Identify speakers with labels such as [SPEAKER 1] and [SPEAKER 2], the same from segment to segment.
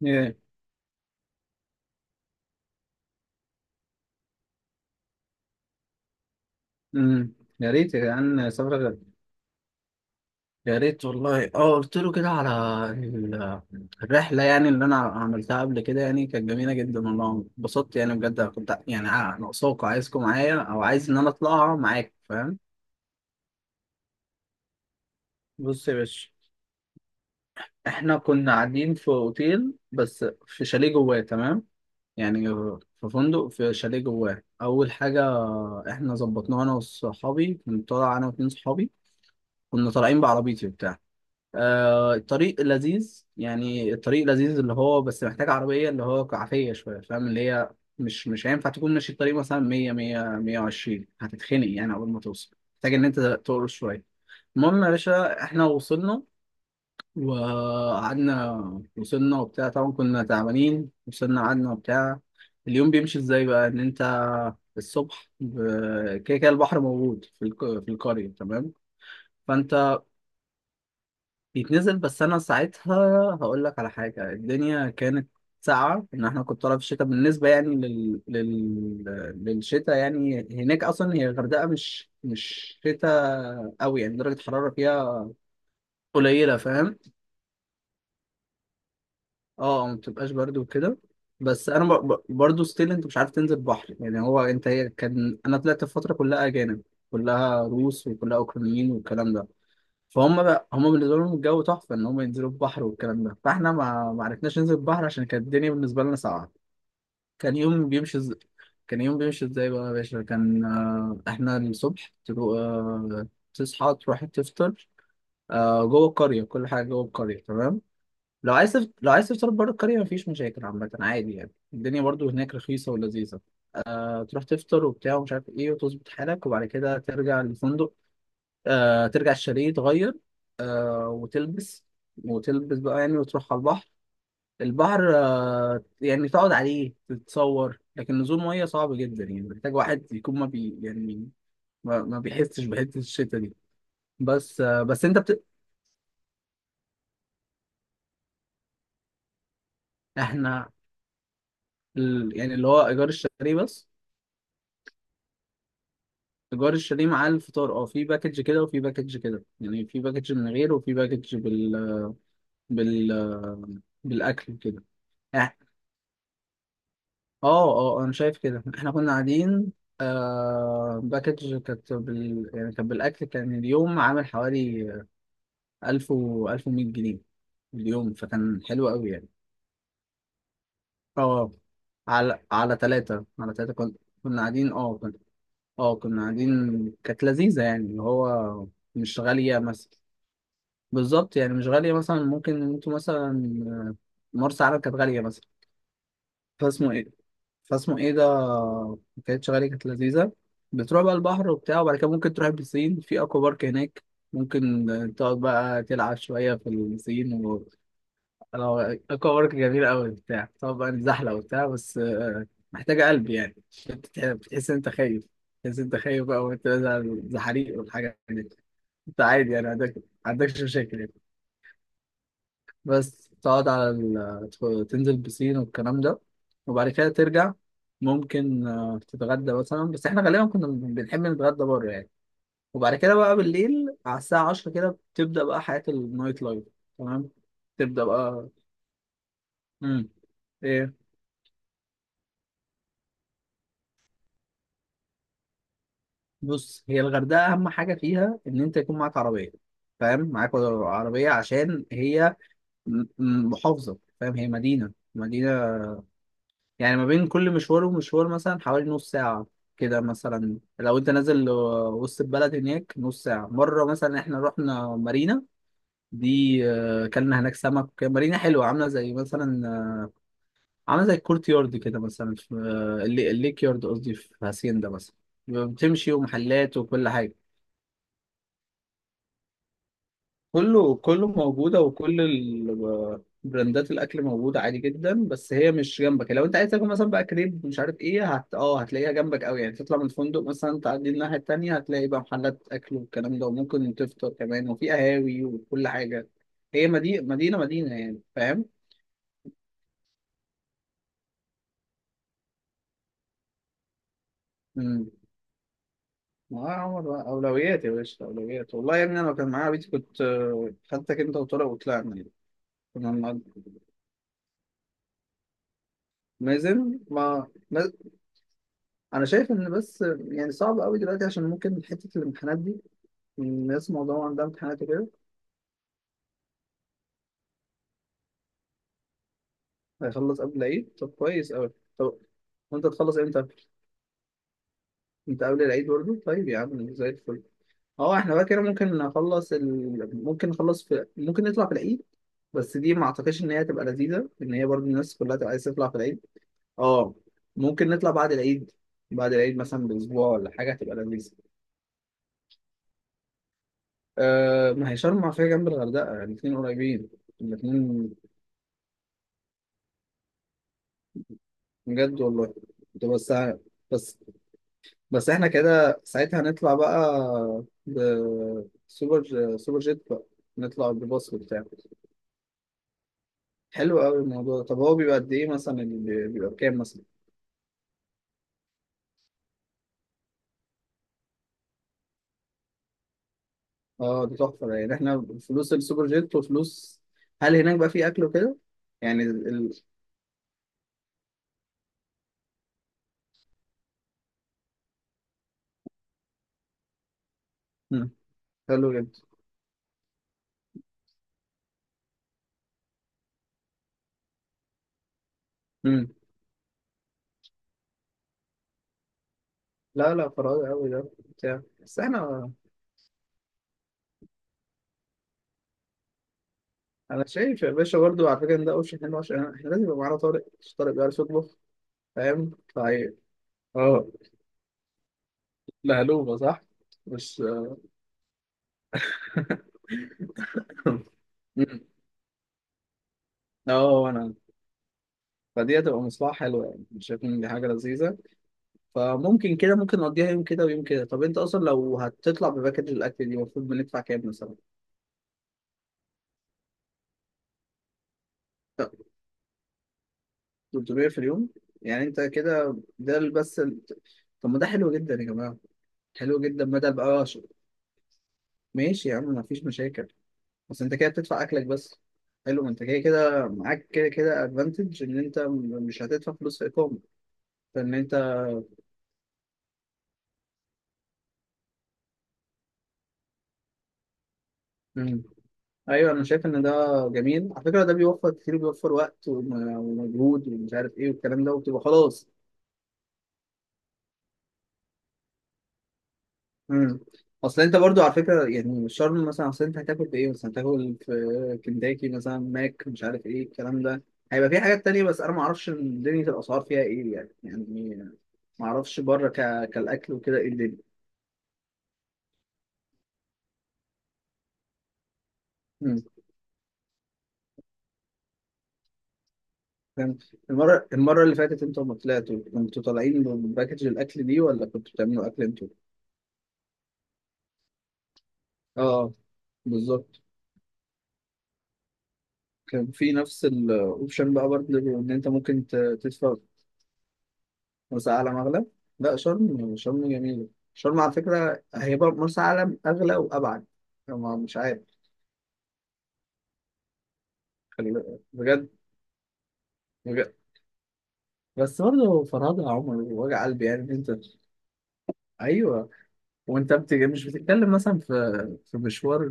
[SPEAKER 1] ياه. امم يا ريت يا جدعان سفرة غير. يا ريت والله، اه، قلت له كده على ال- الرحلة. يعني اللي أنا عملتها قبل كده يعني كانت جميلة جدا والله، اتبسطت يعني بجد. كنت يعني ناقصاكوا، عايزكوا معايا أو عايز إن أنا أطلعها معاك. فاهم؟ بص يا باشا، إحنا كنا قاعدين في أوتيل بس في شاليه جواه. تمام، يعني في فندق في شاليه جواه. أول حاجة، إحنا ظبطناه أنا وصحابي. كنت طالع أنا واتنين صحابي، كنا طالعين بعربيتي وبتاع. آه، الطريق لذيذ، يعني الطريق لذيذ اللي هو بس محتاج عربية، اللي هو عافية شوية. فاهم؟ اللي هي مش هينفع تكون ماشي الطريق مثلا 100، 100، 120، هتتخنق. يعني أول ما توصل محتاج إن أنت تقرص شوية. المهم يا باشا، إحنا وصلنا وقعدنا. وصلنا وبتاع، طبعا كنا تعبانين، وصلنا قعدنا وبتاع. اليوم بيمشي إزاي بقى؟ إن أنت الصبح كده كده البحر موجود في القرية. تمام. فأنت بيتنزل، بس انا ساعتها هقول لك على حاجه، الدنيا كانت ساقعه، ان احنا كنت طالع في الشتاء، بالنسبه يعني للشتاء. يعني هناك اصلا هي الغردقه مش شتاء قوي، يعني درجه الحراره فيها قليله. فاهم؟ اه، ما بتبقاش برد وكده. بس انا برضو ستيل انت مش عارف تنزل بحر. يعني هو انت هي كان انا طلعت الفتره كلها اجانب، كلها روس وكلها اوكرانيين والكلام ده. فهم بقى هم بالنسبه لهم الجو تحفه ان هم ينزلوا البحر والكلام ده، فاحنا ما عرفناش ننزل البحر عشان كانت الدنيا بالنسبه لنا ساقعه. كان يوم بيمشي إز... كان يوم بيمشي ازاي بقى يا باشا؟ كان آه، احنا الصبح تروح، آه، تصحى تروح تفطر، آه، جوه القريه. كل حاجه جوه القريه، تمام. لو عايز تفطر بره القريه مفيش مشاكل. عامه عادي، يعني الدنيا برضو هناك رخيصه ولذيذه. آه، تروح تفطر وبتاع ومش عارف ايه، وتظبط حالك وبعد كده ترجع للفندق. آه، ترجع الشاليه، تغير وتلبس. وتلبس بقى يعني وتروح على البحر. البحر آه، يعني تقعد عليه تتصور، لكن نزول ميه صعب جدا. يعني محتاج واحد يكون ما بي يعني ما بيحسش بحته الشتا دي. بس آه، بس انت بت... احنا يعني اللي هو ايجار الشاليه بس. ايجار الشاليه مع الفطار، اه، في باكج كده وفي باكج كده. يعني في باكج من غير، وفي باكج بال آه، بالاكل كده. اه اه، انا شايف كده، احنا كنا قاعدين. آه، باكج كانت يعني كانت بالاكل، كان اليوم عامل حوالي 1000 و 1100 جنيه اليوم. فكان حلو قوي يعني. اه، على ثلاثة. على ثلاثة كنا، كنا قاعدين اه كنا اه كنا قاعدين، كانت لذيذة يعني اللي هو مش غالية مثلا. بالظبط، يعني مش غالية مثلا. ممكن انتوا مثلا آه، مرسى علم كانت غالية مثلا. فاسمه ايه، ده، كانت شغالة، كانت لذيذة. بتروح بقى البحر وبتاع، وبعد كده ممكن تروح البسين في اكوا بارك هناك. ممكن تقعد بقى تلعب شوية في البسين و اكوا بارك جميل قوي بتاع. تقعد بقى نزحلق وبتاع، بس آه، محتاجة قلب يعني عشان بتحس ان انت خايف. تحس ان انت خايف بقى وانت زحريق والحاجات دي. انت عادي يعني، عندكش مشاكل يعني. بس تقعد على تنزل بسين والكلام ده، وبعد كده ترجع. ممكن آه، تتغدى مثلا، بس احنا غالبا كنا بنحب نتغدى بره يعني. وبعد كده بقى بالليل على الساعة 10 كده بتبدأ بقى حياة النايت لايف. تمام، تبدأ بقى. امم ايه، بص هي الغردقة أهم حاجة فيها إن أنت يكون معاك عربية. فاهم؟ معاك عربية عشان هي محافظة. فاهم؟ هي مدينة مدينة. يعني ما بين كل مشوار ومشوار مثلا حوالي نص ساعة كده، مثلا لو انت نازل آه، وسط البلد هناك نص ساعة. مرة مثلا احنا رحنا مارينا، دي آه، اكلنا هناك سمك. مارينا حلوة، عاملة زي مثلا آه، عاملة زي الكورت يارد كده مثلا، في آه، الليك يارد، قصدي في هاسيندا مثلا. بتمشي ومحلات وكل حاجة. كله كله موجودة، وكل ال- براندات الأكل موجودة عادي جدا. بس هي مش جنبك. لو أنت عايز تاكل مثلا بقى كريب مش عارف إيه هت أه هتلاقيها جنبك أوي. يعني تطلع من الفندق مثلا، تعدي الناحية التانية هتلاقي بقى محلات أكل والكلام ده، وممكن تفطر كمان، وفي قهاوي وكل حاجة. هي مدينة مدينة مدينة يعني. فاهم؟ امم ما هو يا عمر بقى أولويات يا باشا، أولويات والله يا ابني. أنا لو كان معايا بيتي كنت آه، خدتك أنت وطارق وطلعنا. كنا. مازن ما. انا شايف ان بس يعني صعب قوي دلوقتي، عشان ممكن حته الامتحانات دي، الناس معظمها عندها امتحانات كده. هيخلص قبل العيد؟ طب كويس قوي. طب وانت تخلص امتى؟ انت قبل العيد برضه؟ طيب يا عم زي الفل. اه، احنا بقى كده ممكن نخلص ال... ممكن نخلص في ممكن نطلع في العيد. بس دي ما اعتقدش ان هي تبقى لذيذه، ان هي برضه الناس كلها تبقى عايزه تطلع في العيد. اه، ممكن نطلع بعد العيد. بعد العيد مثلا باسبوع ولا حاجه هتبقى لذيذه. أه، ما هي شرم فيها جنب الغردقه، يعني الاثنين قريبين. الاثنين. بجد والله. كنت بس بس احنا كده ساعتها هنطلع بقى بسوبر جيت بقى، نطلع بالباص وبتاع. حلو قوي الموضوع ده. طب هو بيبقى قد ايه مثلا، اللي بيبقى بكام مثلا؟ اه، ده تحفه يعني، احنا فلوس السوبر جيت وفلوس. هل هناك بقى في اكل وكده؟ يعني مم. حلو جدا. مم. لا لا، فراغ قوي ده بتاع. بس احنا انا شايف يا باشا برضه على فكره ان ده اوبشن حلو، عشان احنا لازم يبقى معانا طارق. مش طارق بيعرف يطبخ. فاهم؟ طيب، اه، لهلوبة صح؟ مش مم. اه، وانا فدي هتبقى مصلحة حلوة. يعني مش شايف ان دي حاجة لذيذة؟ فممكن كده ممكن نقضيها يوم كده ويوم كده. طب انت اصلا لو هتطلع بباكج الاكل دي المفروض بندفع كام مثلا؟ لا، 300 في اليوم؟ يعني انت كده ده طب، ما ده حلو جدا يا جماعة. حلو جدا بدل بقى ماشي يا عم، مفيش مشاكل. بس انت كده بتدفع اكلك بس. حلو، ما انت كده كده معاك كده كده ادفانتج ان انت مش هتدفع فلوس في اقامة. فان انت، ايوه، انا شايف ان ده جميل على فكره، ده بيوفر كتير، بيوفر وقت ومجهود ومش عارف ايه والكلام ده، وبتبقى خلاص. امم اصل انت برضو على فكره يعني شرم مثلا، اصل انت هتاكل بايه مثلا؟ هتاكل في كنتاكي مثلا؟ ماك مش عارف ايه الكلام ده. هيبقى في حاجات تانية، بس انا ما اعرفش دنيا الاسعار فيها ايه يعني. يعني ما اعرفش بره كالاكل وكده ايه الدنيا. امم فاهم. المره اللي فاتت انتوا لما طلعتوا كنتوا طالعين بباكج الاكل دي، ولا كنتوا بتعملوا اكل انتوا؟ اه، بالظبط. كان في نفس الاوبشن بقى برضه ان انت ممكن تدفع. مرسى علم اغلى؟ لا، شرم. شرم جميله. شرم على فكره هيبقى مرسى علم اغلى وابعد. أنا مش عارف. خلي بالك. بجد. بجد، بس برضه فرهدة يا عمر، وجع قلبي يعني إن انت. ايوه، وانت مش بتتكلم مثلا في في مشوار.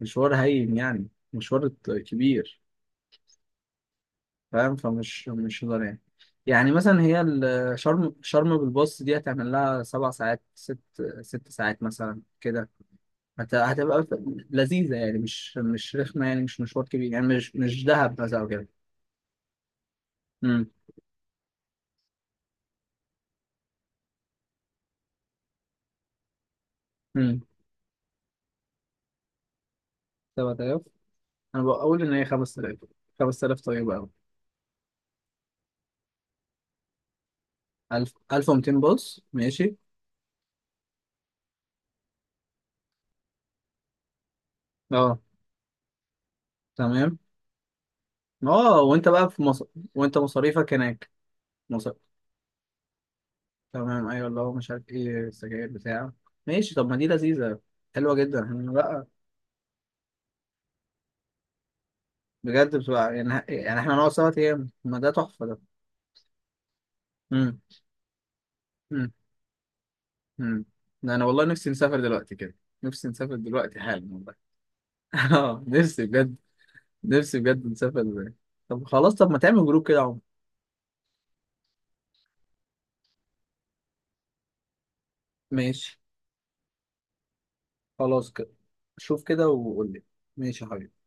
[SPEAKER 1] مشوار هين يعني، مشوار كبير، فاهم؟ فمش مش هزار يعني. يعني مثلا هي ال- شرم، شرم بالباص دي هتعمل لها 7 ساعات، ست. 6 ساعات مثلا كده. هتبقى لذيذة يعني. مش رخمة يعني. مش مشوار كبير يعني مش دهب مثلا أو كده. امم امم 7000؟ أنا بقول إن هي 5000. 5000 طيبة أوي. 1000، 1200 باص. ماشي. أه، تمام. أه، وأنت بقى في مصر، وأنت مصاريفك هناك. تمام، ايوه اللي هو مش عارف ايه، السجاير بتاع. ماشي، طب ما دي لذيذه. حلوه جدا، إحنا. لا، بجد بتبقى يعني. يعني احنا نقعد سوا ايام، ما ده تحفه ده. امم امم امم ده انا والله نفسي نسافر دلوقتي كده. نفسي نسافر دلوقتي حالا والله. اه، نفسي بجد. نفسي بجد نسافر دلوقتي. طب خلاص، طب ما تعمل جروب كده يا عمر. ماشي. خلاص كده، شوف كده وقول لي. ماشي يا حبيبي.